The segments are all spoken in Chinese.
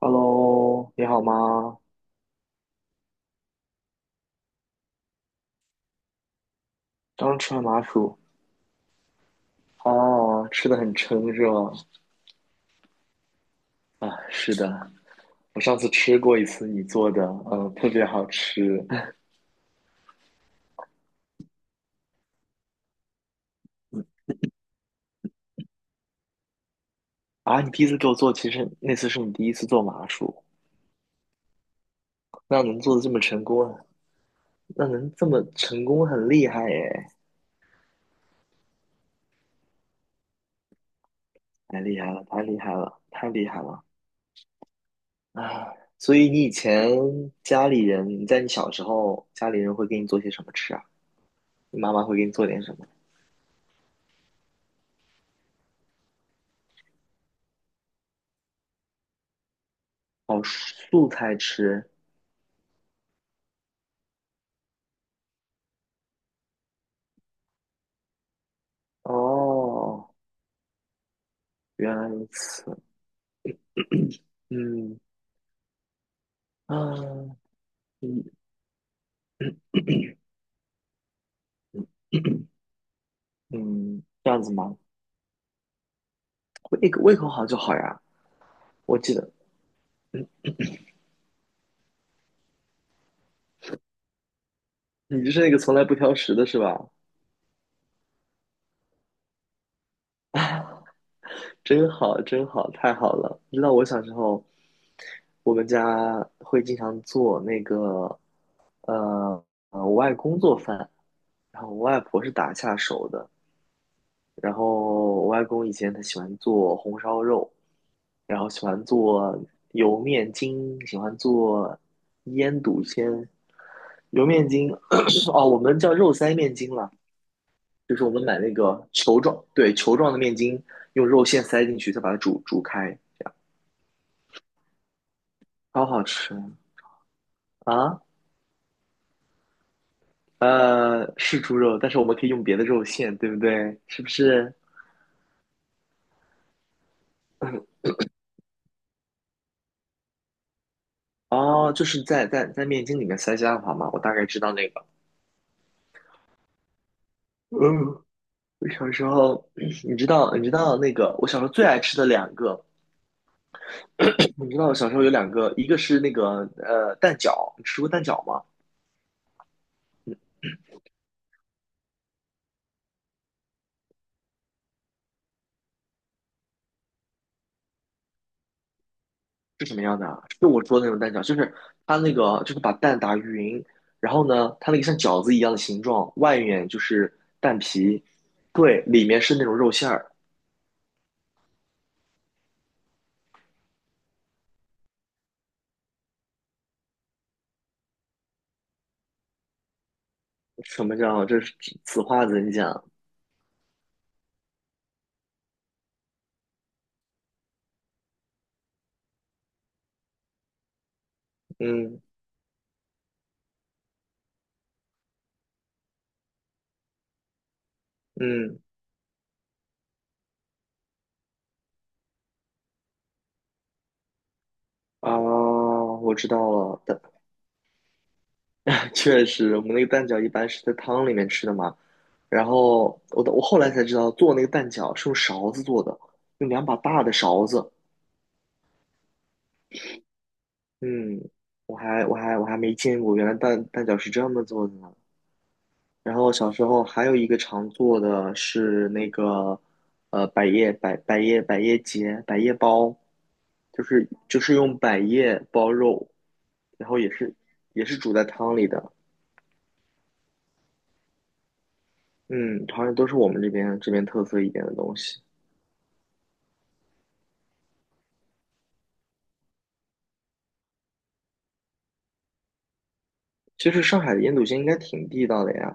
Hello，你好吗？刚吃完麻薯。哦，吃的很撑是吗？啊，是的，我上次吃过一次你做的，特别好吃。啊，你第一次给我做，其实那次是你第一次做麻薯，那能做的这么成功，那能这么成功，很厉害耶！太厉害了，太厉害了，太厉害了啊！所以你以前家里人，你在你小时候，家里人会给你做些什么吃啊？你妈妈会给你做点什么？哦，素菜吃。哦，原来如此。嗯啊，嗯嗯，这样子吗？胃口好就好呀。我记得你就是那个从来不挑食的是吧？真好，真好，太好了。你知道我小时候，我们家会经常做那个，呃我外公做饭，然后我外婆是打下手的。然后我外公以前他喜欢做红烧肉，然后喜欢做油面筋，喜欢做腌笃鲜。油面筋，哦，我们叫肉塞面筋了，就是我们买那个球状，对，球状的面筋，用肉馅塞进去，再把它煮煮开，超好吃啊！是猪肉，但是我们可以用别的肉馅，对不对？是不是？哦，就是在面筋里面塞虾滑嘛，我大概知道那个。嗯，我小时候，你知道，你知道那个，我小时候最爱吃的两个，你知道小时候有两个，一个是那个蛋饺，你吃过蛋饺吗？是什么样的啊？就我说的那种蛋饺，就是它那个就是把蛋打匀，然后呢，它那个像饺子一样的形状，外面就是蛋皮，对，里面是那种肉馅儿。什么叫这是此话怎讲？嗯嗯啊，我知道了，蛋。确实，我们那个蛋饺一般是在汤里面吃的嘛。然后我后来才知道，做那个蛋饺是用勺子做的，用两把大的勺子。嗯，我还没见过，原来蛋饺是这么做的呢。然后小时候还有一个常做的是那个，呃，百叶包，就是用百叶包肉，然后也是煮在汤里的。嗯，好像都是我们这边特色一点的东西。其实上海的腌笃鲜应该挺地道的呀。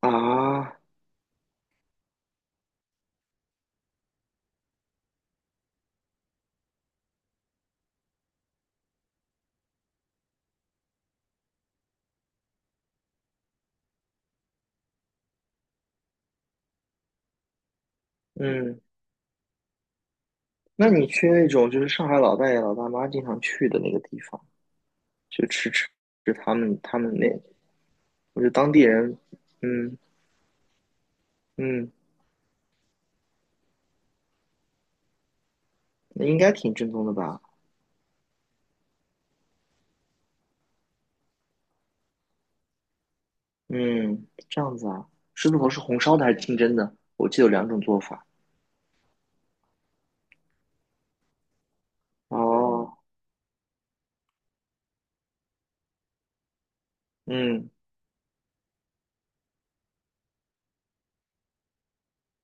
啊，嗯，那你去那种就是上海老大爷老大妈经常去的那个地方，就吃他们那，我觉得当地人，嗯嗯，那应该挺正宗的吧？嗯，这样子啊，狮子头是红烧的还是清蒸的？我记得有两种做法。哦，嗯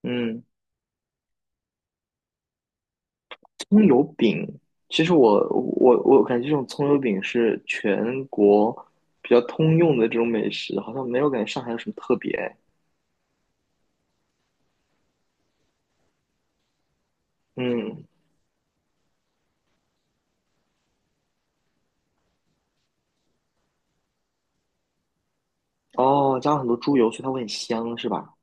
嗯。葱油饼，其实我感觉这种葱油饼是全国比较通用的这种美食，好像没有感觉上海有什么特别。嗯，哦，加了很多猪油，所以它会很香，是吧？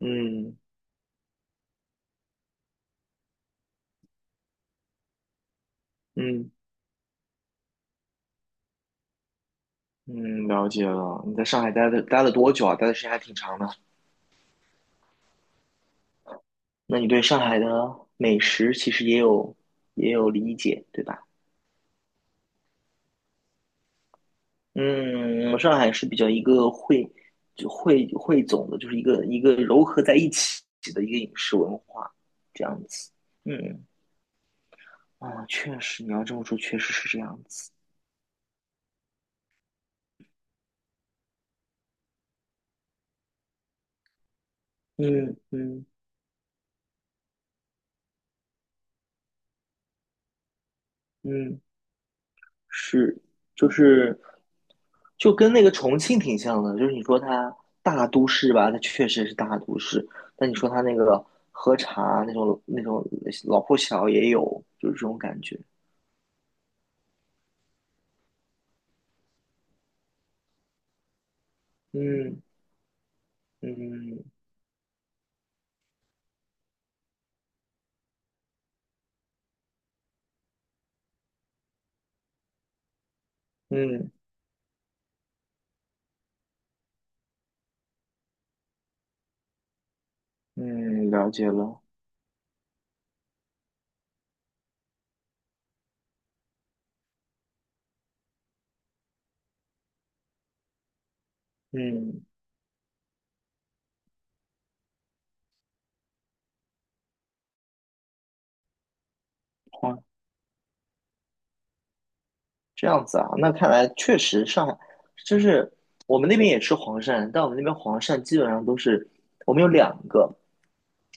嗯嗯嗯，了解了。你在上海待了多久啊？待的时间还挺长的。那你对上海的美食其实也有理解，对吧？嗯，上海是比较一个汇总的，就是一个一个糅合在一起的一个饮食文化，这样子。嗯，啊，确实，你要这么说，确实是这样子。嗯嗯嗯，是，就是就跟那个重庆挺像的，就是你说它大都市吧，它确实是大都市，但你说它那个喝茶那种老破小也有，就是这种感觉。嗯嗯嗯。嗯，了解了。嗯，黄，这样子啊，那看来确实上海就是我们那边也吃黄鳝，但我们那边黄鳝基本上都是我们有两个，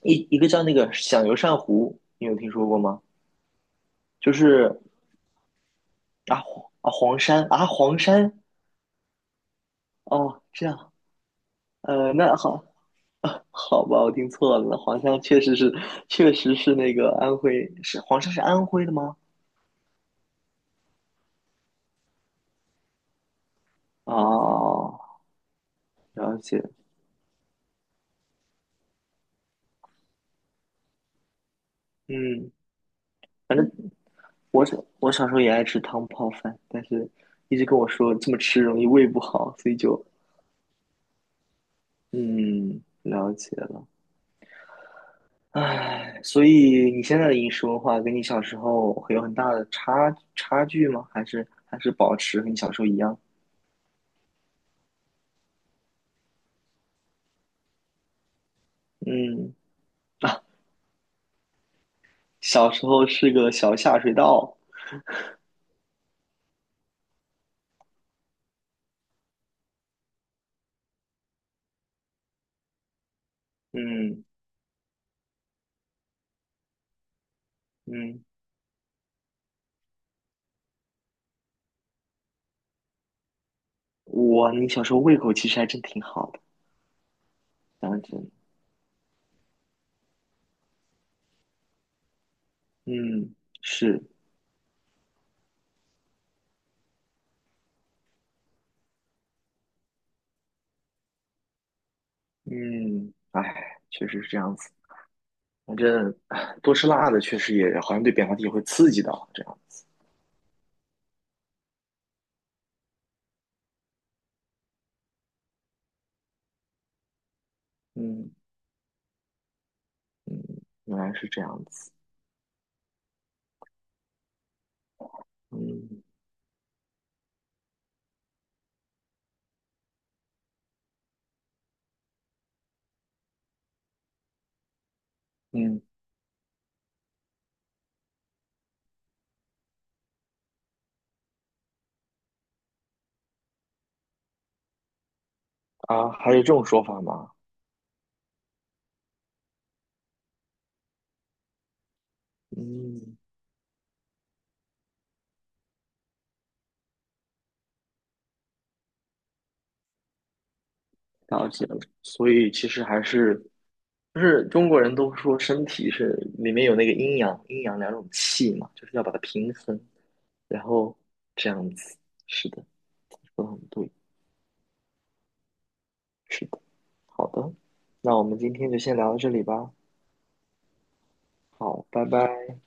一个叫那个响油鳝糊，你有听说过吗？就是啊黄啊黄鳝啊黄山哦，这样那好。好吧，我听错了，黄山确实是，那个安徽，是黄山是安徽的吗？哦，了解，嗯。反正。我小时候也爱吃汤泡饭，但是一直跟我说这么吃容易胃不好，所以就嗯了解了。唉，所以你现在的饮食文化跟你小时候会有很大的差距吗？还是保持和你小时候一样？嗯 啊，小时候是个小下水道。嗯嗯，你小时候胃口其实还真挺好的，讲真。嗯，是，嗯，唉，确实是这样子。反正多吃辣的确实也好像对扁桃体会刺激到这样。嗯，原来是这样子。嗯嗯啊，还有这种说法吗？嗯，了解了。所以其实还是就是中国人都说身体是里面有那个阴阳两种气嘛，就是要把它平衡，然后这样子。是的，说的很对。是的，好的，那我们今天就先聊到这里吧。好，拜拜。